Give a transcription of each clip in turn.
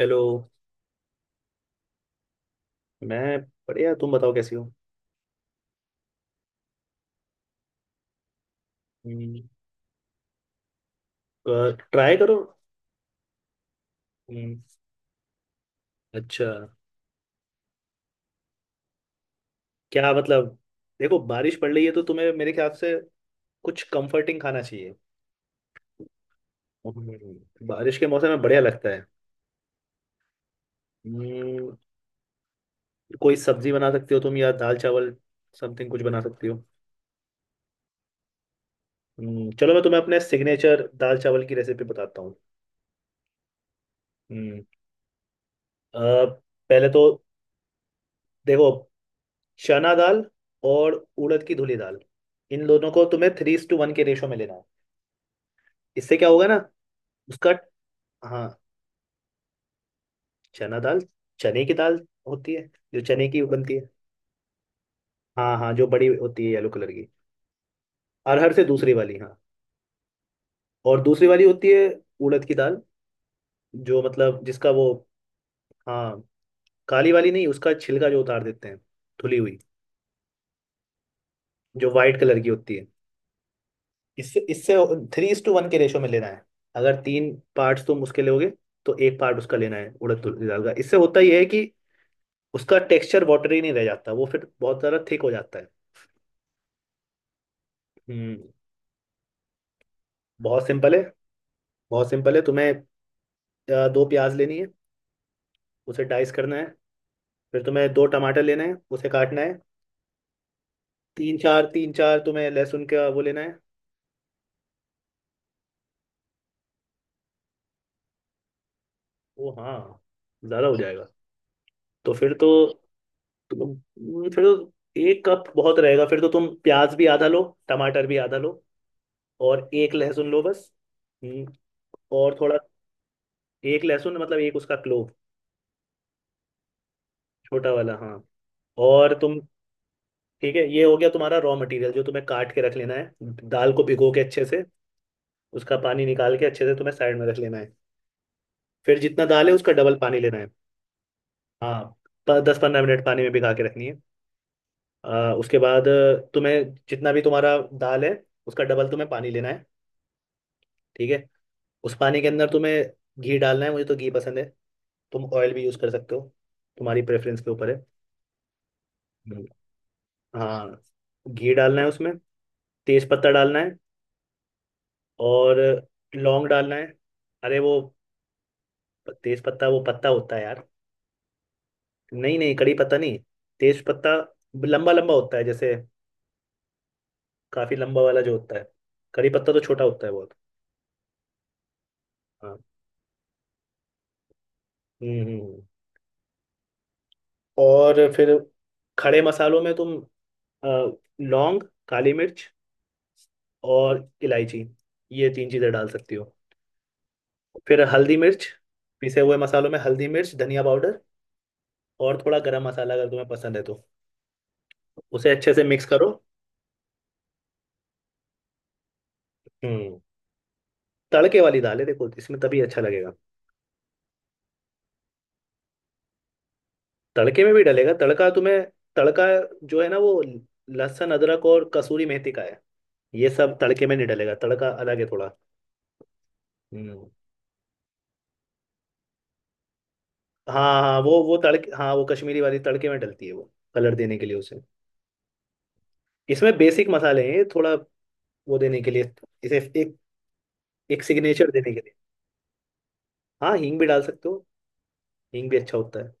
Hello. मैं बढ़िया। तुम बताओ कैसी हो। हम्म, ट्राई करो। हम्म। अच्छा। क्या मतलब। देखो, बारिश पड़ रही है तो तुम्हें मेरे ख्याल से कुछ कंफर्टिंग खाना चाहिए। बारिश के मौसम में बढ़िया लगता है। हम्म, कोई सब्जी बना सकती हो तुम, या दाल चावल समथिंग कुछ बना सकती हो। चलो, मैं तुम्हें अपने सिग्नेचर दाल चावल की रेसिपी बताता हूँ। हम्म, अ, पहले तो देखो, चना दाल और उड़द की धुली दाल, इन दोनों को तुम्हें 3:1 के रेशो में लेना। इससे क्या होगा ना उसका। हाँ। चना दाल, चने की दाल होती है जो चने की बनती है। हाँ हाँ, जो बड़ी होती है येलो कलर की। अरहर से दूसरी वाली, हाँ। और दूसरी वाली होती है उड़द की दाल, जो मतलब जिसका वो। हाँ, काली वाली नहीं, उसका छिलका जो उतार देते हैं, धुली हुई। जो वाइट कलर की होती है। इससे इससे 3:1 के रेशो में लेना है। अगर 3 पार्ट्स तुम उसके लोगे तो एक पार्ट उसका लेना है, उड़द की दाल का। इससे होता यह है कि उसका टेक्सचर वाटरी नहीं रह जाता, वो फिर बहुत ज़्यादा थिक हो जाता है। हम्म बहुत सिंपल है। बहुत सिंपल है, तुम्हें दो प्याज लेनी है, उसे डाइस करना है। फिर तुम्हें दो टमाटर लेना है, उसे काटना है। तीन चार तुम्हें लहसुन का वो लेना है। ओ हाँ, ज़्यादा हो जाएगा। तो फिर तो तुम फिर तो 1 कप बहुत रहेगा। फिर तो तुम प्याज भी आधा लो, टमाटर भी आधा लो, और एक लहसुन लो बस। हम्म, और थोड़ा। एक लहसुन मतलब एक उसका क्लोव, छोटा वाला। हाँ और तुम ठीक है, ये हो गया तुम्हारा रॉ मटेरियल जो तुम्हें काट के रख लेना है। दाल को भिगो के अच्छे से उसका पानी निकाल के, अच्छे से तुम्हें साइड में रख लेना है। फिर जितना दाल है उसका डबल पानी लेना है। हाँ, 10-15 मिनट पानी में भिगा के रखनी है। उसके बाद तुम्हें जितना भी तुम्हारा दाल है, उसका डबल तुम्हें पानी लेना है। ठीक है। उस पानी के अंदर तुम्हें घी डालना है, मुझे तो घी पसंद है। तुम ऑयल भी यूज़ कर सकते हो, तुम्हारी प्रेफरेंस के ऊपर है। हम्म। हाँ, घी डालना है उसमें, तेज पत्ता डालना है, और लौंग डालना है। अरे वो, तेज पत्ता वो पत्ता होता है यार। नहीं नहीं, कड़ी पत्ता नहीं, तेज पत्ता। लंबा लंबा होता है जैसे, काफी लंबा वाला जो होता है। कड़ी पत्ता तो छोटा होता है बहुत। हाँ। हम्म हम्म, हम्म। और फिर खड़े मसालों में तुम अ, लौंग, काली मिर्च और इलायची, ये तीन चीजें डाल सकती हो। फिर हल्दी मिर्च, पिसे हुए मसालों में हल्दी मिर्च, धनिया पाउडर और थोड़ा गरम मसाला अगर तुम्हें पसंद है तो। उसे अच्छे से मिक्स करो। हम्म तड़के वाली दाल है देखो, इसमें तभी अच्छा लगेगा। तड़के में भी डलेगा तड़का तुम्हें। तड़का जो है ना, वो लहसुन, अदरक और कसूरी मेथी का है। ये सब तड़के में नहीं डलेगा, तड़का अलग है थोड़ा। हम्म। हाँ हाँ, वो तड़के, हाँ वो कश्मीरी वाली तड़के में डलती है, वो कलर देने के लिए उसे। इसमें बेसिक मसाले हैं ये, थोड़ा वो देने के लिए, इसे एक एक सिग्नेचर देने के लिए। हाँ, हींग भी डाल सकते हो। हींग भी अच्छा होता है,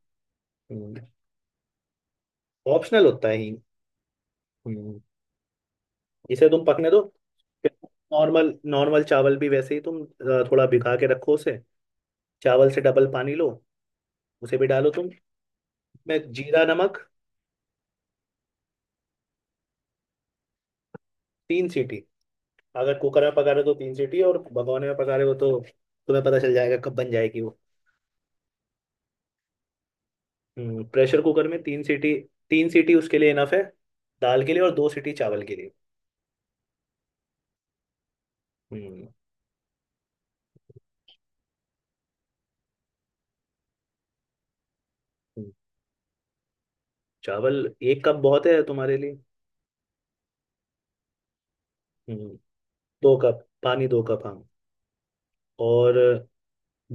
ऑप्शनल होता है हींग। हम्म। इसे तुम पकने दो। नॉर्मल नॉर्मल चावल भी वैसे ही, तुम थोड़ा भिगा के रखो उसे। चावल से डबल पानी लो, उसे भी डालो तुम। मैं जीरा नमक 3 सीटी। अगर कुकर में पका रहे हो तो 3 सीटी, और भगोने में पका रहे हो तो तुम्हें पता चल जाएगा कब बन जाएगी वो। प्रेशर कुकर में 3 सीटी। 3 सीटी उसके लिए इनफ है दाल के लिए, और 2 सीटी चावल के लिए। हम्म हम्म, चावल 1 कप बहुत है तुम्हारे लिए। हम्म 2 कप पानी, 2 कप हाँ। और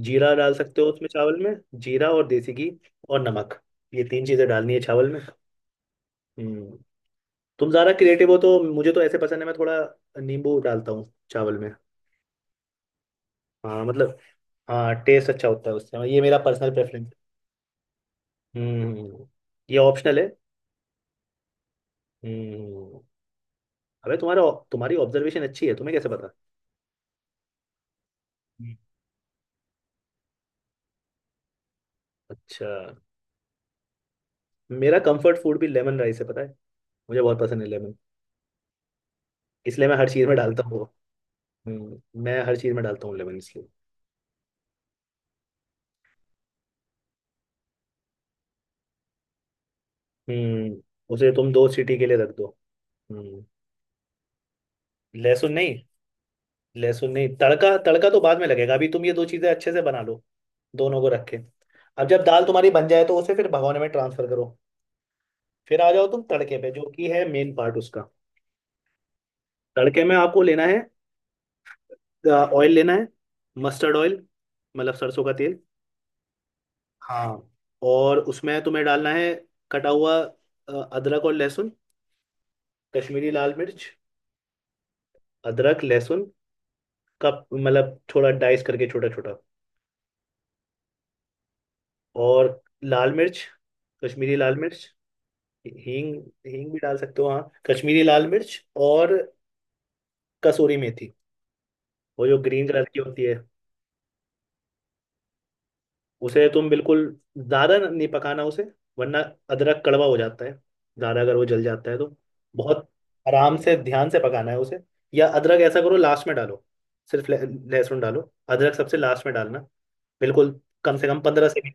जीरा डाल सकते हो उसमें, चावल में। जीरा और देसी घी और नमक, ये तीन चीजें डालनी है चावल में। हम्म तुम ज्यादा क्रिएटिव हो तो। मुझे तो ऐसे पसंद है, मैं थोड़ा नींबू डालता हूँ चावल में। हाँ मतलब, हाँ टेस्ट अच्छा होता है उससे। हाँ, ये मेरा पर्सनल प्रेफरेंस। हम्म ये ऑप्शनल है। हम्म अबे तुम्हारा तुम्हारी ऑब्जर्वेशन अच्छी है, तुम्हें कैसे पता? हम्म। अच्छा, मेरा कंफर्ट फूड भी लेमन राइस है पता है। मुझे बहुत पसंद है लेमन, इसलिए मैं हर चीज़ में डालता हूँ वो। मैं हर चीज़ में डालता हूँ लेमन इसलिए। हम्म उसे तुम 2 सीटी के लिए रख दो। हम्म लहसुन नहीं, लहसुन नहीं, तड़का तड़का तो बाद में लगेगा, अभी तुम ये दो चीज़ें अच्छे से बना लो। दोनों को रखे। अब जब दाल तुम्हारी बन जाए तो उसे फिर भगोने में ट्रांसफर करो। फिर आ जाओ तुम तड़के पे, जो कि है मेन पार्ट उसका। तड़के में आपको लेना है, ऑयल लेना है, मस्टर्ड ऑयल मतलब सरसों का तेल। हाँ। और उसमें तुम्हें डालना है कटा हुआ अदरक और लहसुन, कश्मीरी लाल मिर्च। अदरक लहसुन का मतलब थोड़ा डाइस करके, छोटा छोटा। और लाल मिर्च, कश्मीरी लाल मिर्च। हींग, हींग भी डाल सकते हो, हाँ। कश्मीरी लाल मिर्च और कसूरी मेथी, वो जो ग्रीन कलर की होती है। उसे तुम बिल्कुल ज्यादा नहीं पकाना उसे, वरना अदरक कड़वा हो जाता है, ज्यादा अगर वो जल जाता है तो। बहुत आराम से, ध्यान से पकाना है उसे। या अदरक ऐसा करो, लास्ट में डालो। सिर्फ लहसुन डालो, अदरक सबसे लास्ट में डालना। बिल्कुल कम से कम 15 सेकेंड।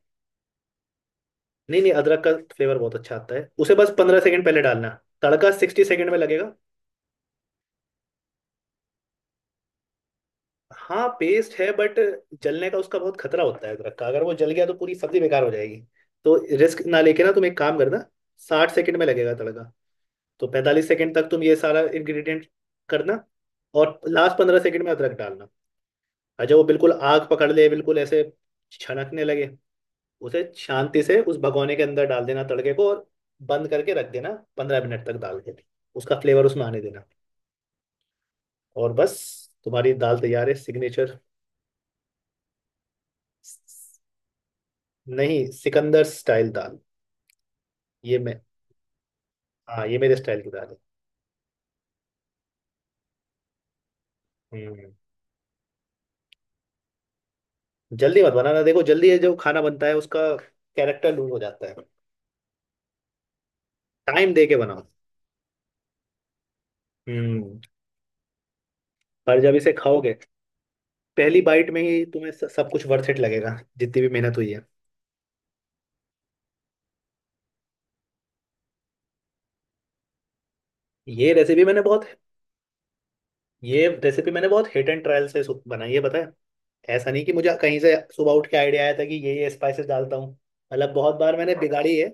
नहीं नहीं, अदरक का फ्लेवर बहुत अच्छा आता है उसे, बस 15 सेकेंड पहले डालना। तड़का 60 सेकेंड में लगेगा। हाँ, पेस्ट है बट जलने का उसका बहुत खतरा होता है अदरक का, अगर वो जल गया तो पूरी सब्जी बेकार हो जाएगी। तो रिस्क ना लेके ना, तुम एक काम करना। 60 सेकंड में लगेगा तड़का, तो 45 सेकंड तक तुम ये सारा इंग्रेडिएंट करना, और लास्ट 15 सेकंड में अदरक डालना। और जब वो बिल्कुल आग पकड़ ले, बिल्कुल ऐसे छनकने लगे, उसे शांति से उस भगोने के अंदर डाल देना तड़के को, और बंद करके रख देना 15 मिनट तक दाल के। उसका फ्लेवर उसमें आने देना। और बस, तुम्हारी दाल तैयार है सिग्नेचर। नहीं, सिकंदर स्टाइल दाल ये मैं। हाँ, ये मेरे स्टाइल की दाल है। हम्म जल्दी मत बनाना। देखो जल्दी ये जो खाना बनता है, उसका कैरेक्टर लूज हो जाता है। टाइम दे के बनाओ। हम्म पर जब इसे खाओगे, पहली बाइट में ही तुम्हें सब कुछ वर्थ इट लगेगा, जितनी भी मेहनत हुई है। ये रेसिपी मैंने बहुत ये रेसिपी मैंने बहुत हिट एंड ट्रायल से बनाई है पता है। ऐसा नहीं कि मुझे कहीं से सुबह उठ के आइडिया आया था कि ये स्पाइसेस डालता हूँ। मतलब बहुत बार मैंने बिगाड़ी है।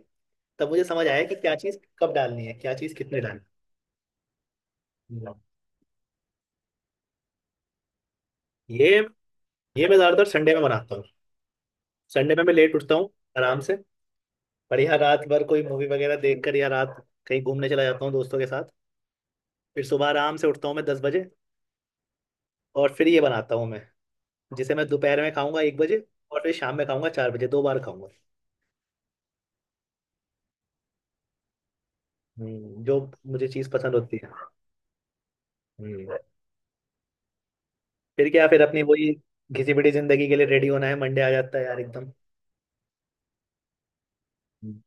तब मुझे समझ आया कि क्या चीज़ कब डालनी है, क्या चीज़ कितने डालनी है। ये ये मैं ज्यादातर संडे में बनाता हूँ। संडे में मैं लेट उठता हूँ आराम से। बढ़िया, रात भर कोई मूवी वगैरह देख कर, या रात कहीं घूमने चला जाता हूँ दोस्तों के साथ। फिर सुबह आराम से उठता हूँ मैं 10 बजे। और फिर ये बनाता हूँ मैं, जिसे मैं दोपहर में खाऊंगा 1 बजे, और फिर शाम में खाऊंगा 4 बजे, दो बार खाऊंगा। जो मुझे चीज़ पसंद होती है। हम्म। फिर क्या, फिर अपनी वही घिसी पिटी जिंदगी के लिए रेडी होना है, मंडे आ जाता है यार एकदम। हम्म।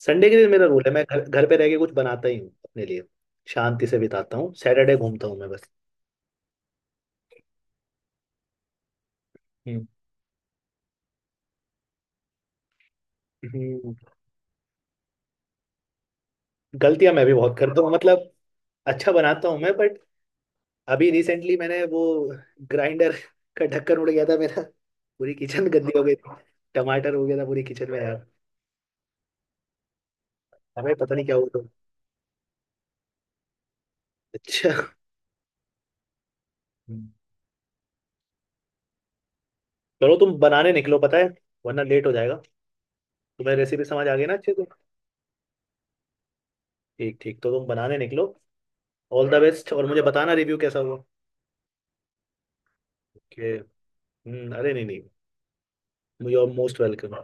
संडे के दिन मेरा रूल है, मैं घर घर पे रह के कुछ बनाता ही हूँ अपने लिए। शांति से बिताता हूँ, सैटरडे घूमता हूँ मैं बस। हम्म। हम्म, गलतियां मैं भी बहुत करता हूँ मतलब। अच्छा बनाता हूँ मैं बट, अभी रिसेंटली मैंने वो ग्राइंडर का ढक्कन उड़ गया था मेरा। पूरी किचन गंदी हो गई थी। टमाटर हो गया था पूरी किचन में यार। हमें पता नहीं क्या हुआ था। अच्छा, चलो तुम बनाने निकलो पता है, वरना लेट हो जाएगा। तुम्हें रेसिपी समझ आ गई ना अच्छे से? ठीक ठीक, तो तुम बनाने निकलो। ऑल द बेस्ट, और मुझे बताना रिव्यू कैसा हुआ। ओके। अरे नहीं नहीं, यू आर मोस्ट वेलकम।